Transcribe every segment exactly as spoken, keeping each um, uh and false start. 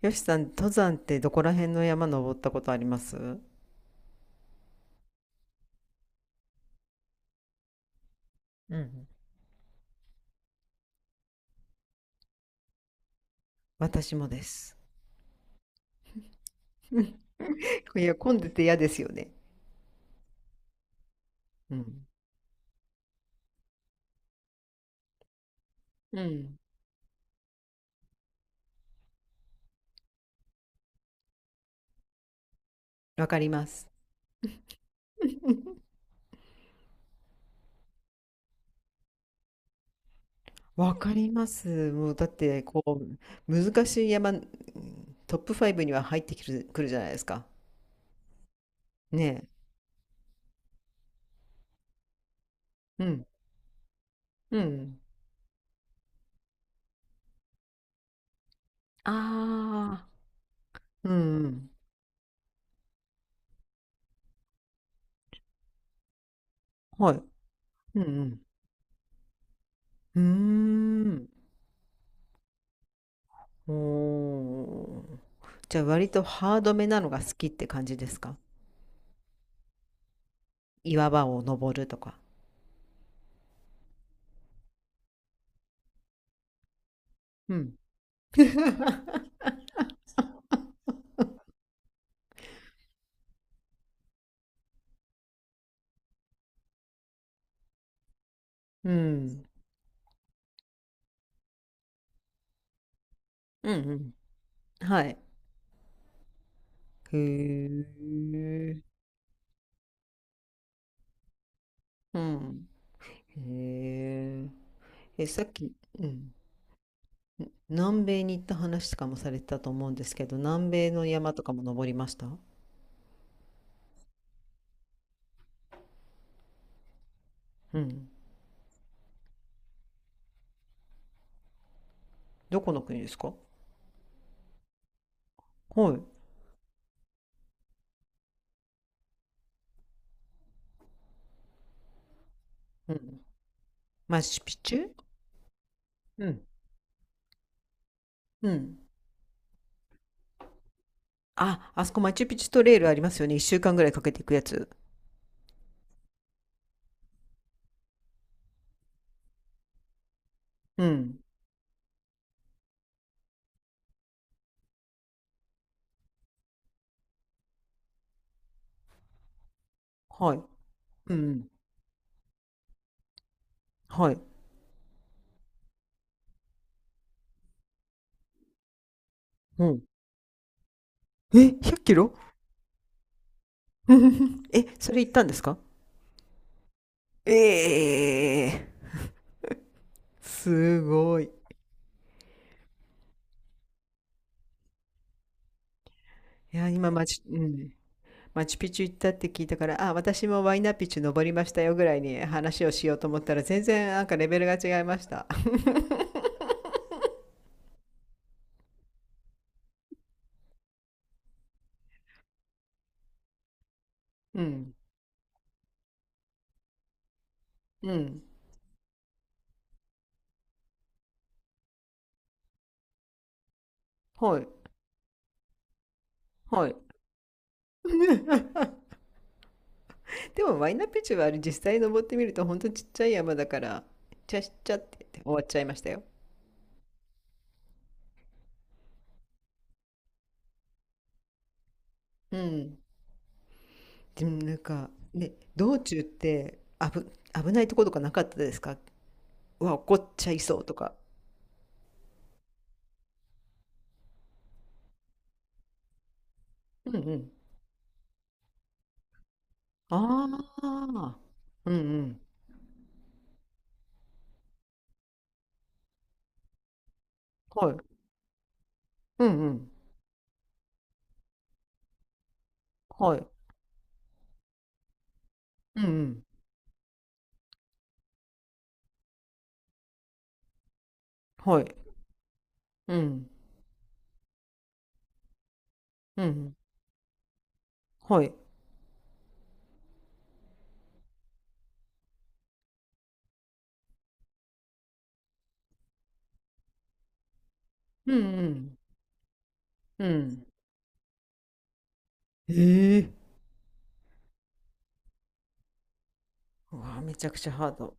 よしさん、登山ってどこら辺の山登ったことありますうん。私もです。いや、混んでて嫌ですよね。うん。うん。わかります。わかります。もうだってこう難しい山。うん。トップファイブには入ってくる、くるじゃないですか。ねえ。うん。うん。ああ。うんうん。はい。うんうん。うーん。おー。じゃあ割とハードめなのが好きって感じですか？岩場を登るとか。うん。うん。うんうん。はい。へえ。うん。へえ。え、さっき、うん、南米に行った話とかもされてたと思うんですけど、南米の山とかも登りました？うん。どこの国ですか？はい。うん。マチュピチュ。うん。うん。あ、あそこマチュピチュとレールありますよね。一週間ぐらいかけていくやつ。うん。はい。うん。はい。うん。え、ひゃっキロ？ え、それ行ったんですか？ええ、すごい。いや、今マチ、うん、マチュピチュ行ったって聞いたから、あ、私もワイナピチュ登りましたよぐらいに話をしようと思ったら、全然なんかレベルが違いました。うん、うん、はい、はい。でもワイナピチュはあれ、実際登ってみると本当ちっちゃい山だから、ちゃしちゃって言って終わっちゃいましたよ。うん。でもなんか、ね、道中って危、危ないとことかなかったですか？うわ、怒っちゃいそうとか。うんうん。ああ。うんうん。はい。うんうん。はい。うんうん。はい。うん。うん。はい。うんうん。うん。ええ。うわ、めちゃくちゃハード。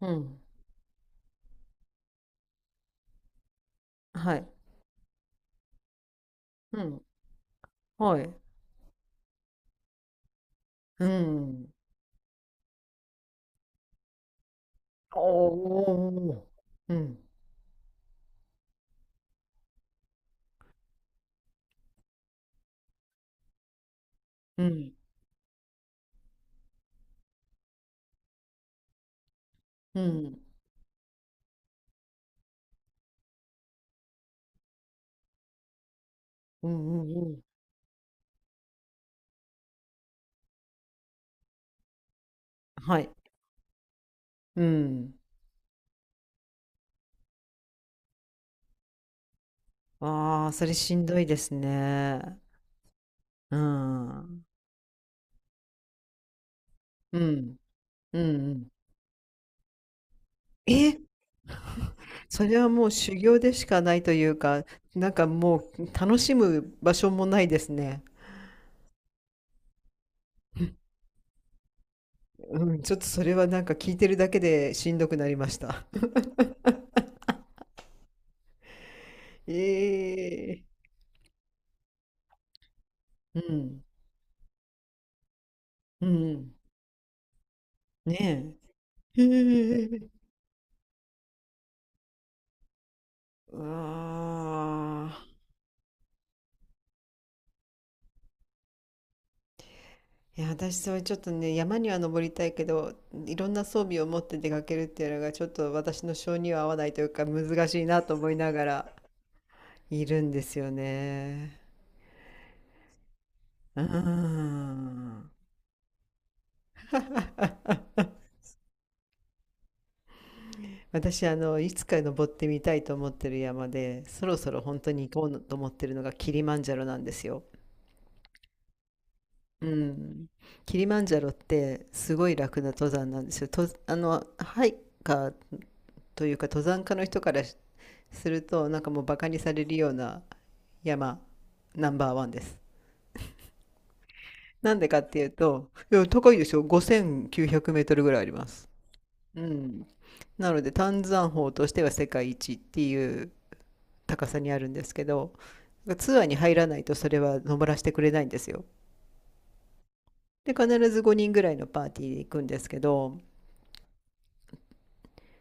うん。はい。うん。はい。うん。おお。うん。うん。うん。うんうんうん。はい。うん。ああ、それしんどいですね。うん。うん。うんうんうん。え。 それはもう修行でしかないというか、なんかもう楽しむ場所もないですね。うん、ちょっとそれはなんか聞いてるだけでしんどくなりました。ええ。うん。うん。ねえ。へえ。ああ。いや、私それちょっとね、山には登りたいけど、いろんな装備を持って出かけるっていうのがちょっと私の性には合わないというか難しいなと思いながらいるんですよね。うーん。私、あのいつか登ってみたいと思ってる山でそろそろ本当に行こうと思ってるのがキリマンジャロなんですよ。うん、キリマンジャロってすごい楽な登山なんですよ。と、あのハイカーというか登山家の人からすると、なんかもうバカにされるような山ナンバーワンです。なんでかっていうと、いや高いでしょ？ ごせんきゅうひゃく メートルぐらいあります。うん。なので丹山峰としては世界一っていう高さにあるんですけど、ツアーに入らないとそれは登らせてくれないんですよ。で、必ずごにんぐらいのパーティーで行くんですけど、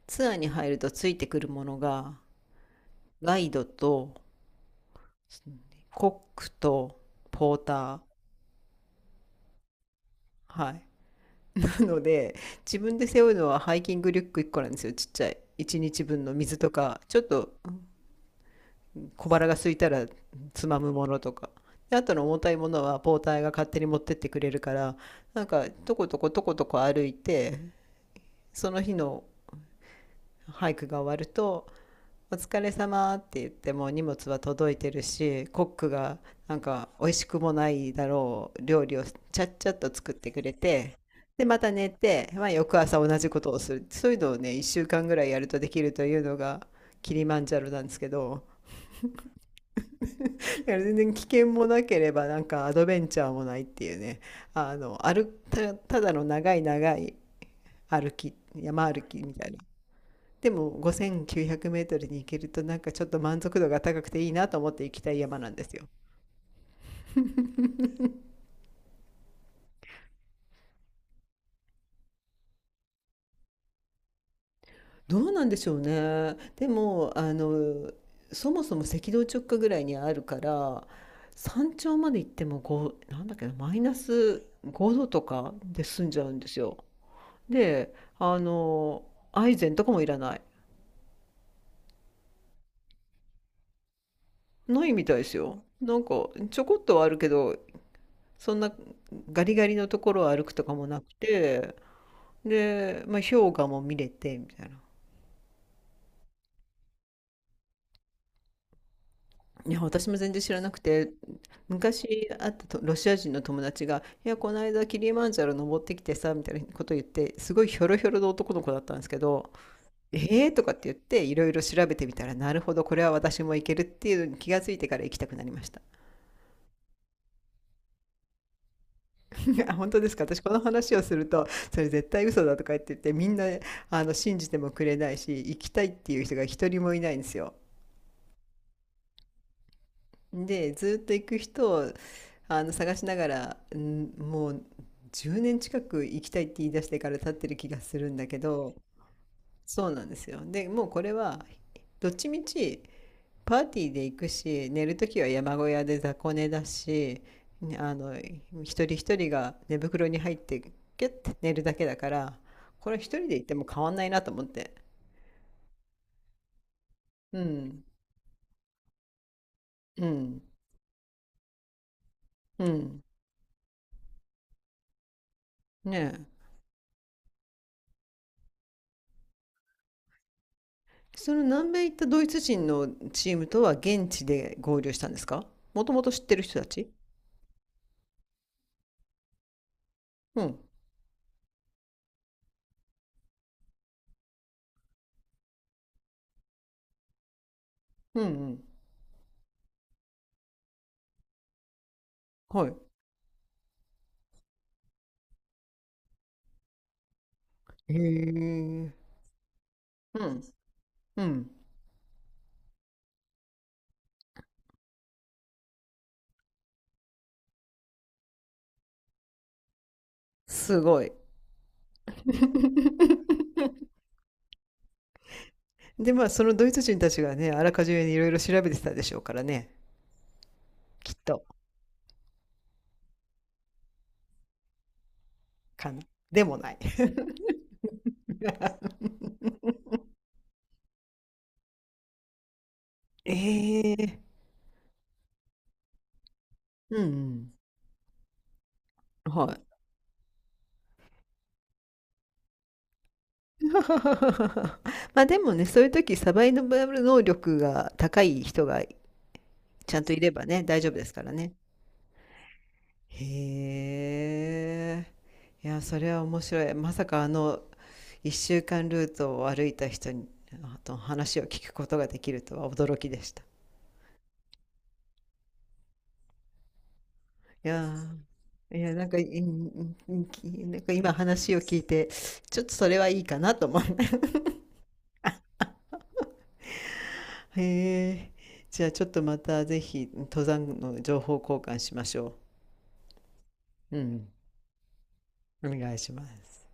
ツアーに入るとついてくるものがガイドとコックとポーター、はい。なので、自分で背負うのはハイキングリュックいっこなんですよ、ちっちゃい。いちにちぶんの水とか、ちょっと小腹が空いたらつまむものとか。で、あとの重たいものはポーターが勝手に持ってってくれるから、なんか、とことことことこ歩いて、その日のハイクが終わると、「お疲れ様」って言っても荷物は届いてるし、コックがなんか美味しくもないだろう料理をちゃっちゃっと作ってくれて、でまた寝て、まあ、翌朝同じことをする。そういうのをね、いっしゅうかんぐらいやるとできるというのがキリマンジャロなんですけど、だから全然危険もなければなんかアドベンチャーもないっていうね、あの歩た、ただの長い長い歩き、山歩きみたいな。でもごせんきゅうひゃくメートルに行けるとなんかちょっと満足度が高くていいなと思って行きたい山なんですよ。どうなんでしょうね。でも、あのそもそも赤道直下ぐらいにあるから、山頂まで行ってもごなんだっけな、マイナスごどとかで済んじゃうんですよ。で、あのアイゼンとかもいらない。ないみたいですよ。なんかちょこっとはあるけど、そんなガリガリのところを歩くとかもなくて、で、まあ、氷河も見れて、みたいな。いや、私も全然知らなくて、昔会ったとロシア人の友達が「いや、この間キリマンジャロ登ってきてさ」みたいなことを言って、すごいひょろひょろの男の子だったんですけど、「えー？」とかって言っていろいろ調べてみたら、なるほどこれは私も行けるっていうのに気がついてから行きたくなりました。 あ、本当ですか？私この話をすると、それ絶対嘘だとか言って言ってみんな、あの信じてもくれないし、行きたいっていう人が一人もいないんですよ。で、ずっと行く人を、あの探しながら、んもうじゅうねん近く行きたいって言い出してから経ってる気がするんだけど、そうなんですよ。で、もうこれは、どっちみちパーティーで行くし、寝るときは山小屋で雑魚寝だし、あの、一人一人が寝袋に入ってキュッて寝るだけだから、これ一人で行っても変わんないなと思って。うん、うん、うん。ねえ。その南米行ったドイツ人のチームとは現地で合流したんですか？もともと知ってる人たち？うん。うんうん。はい。へえ。うん。うん。すごい。で、まあ、そのドイツ人たちがね、あらかじめにいろいろ調べてたでしょうからね、きっと。かな。でもない。ええ。うんうん。はい。まあでもね、そういう時サバイバル能力が高い人がちゃんといればね、大丈夫ですからね。へえ。いや、それは面白い。まさか、あの、一週間ルートを歩いた人に、あと話を聞くことができるとは驚きでした。いやー、いや、なんか、いいんき、なんか今話を聞いて、ちょっとそれはいいかなと思う。へえ。じゃあちょっとまたぜひ登山の情報交換しましょう。うん、お願いします。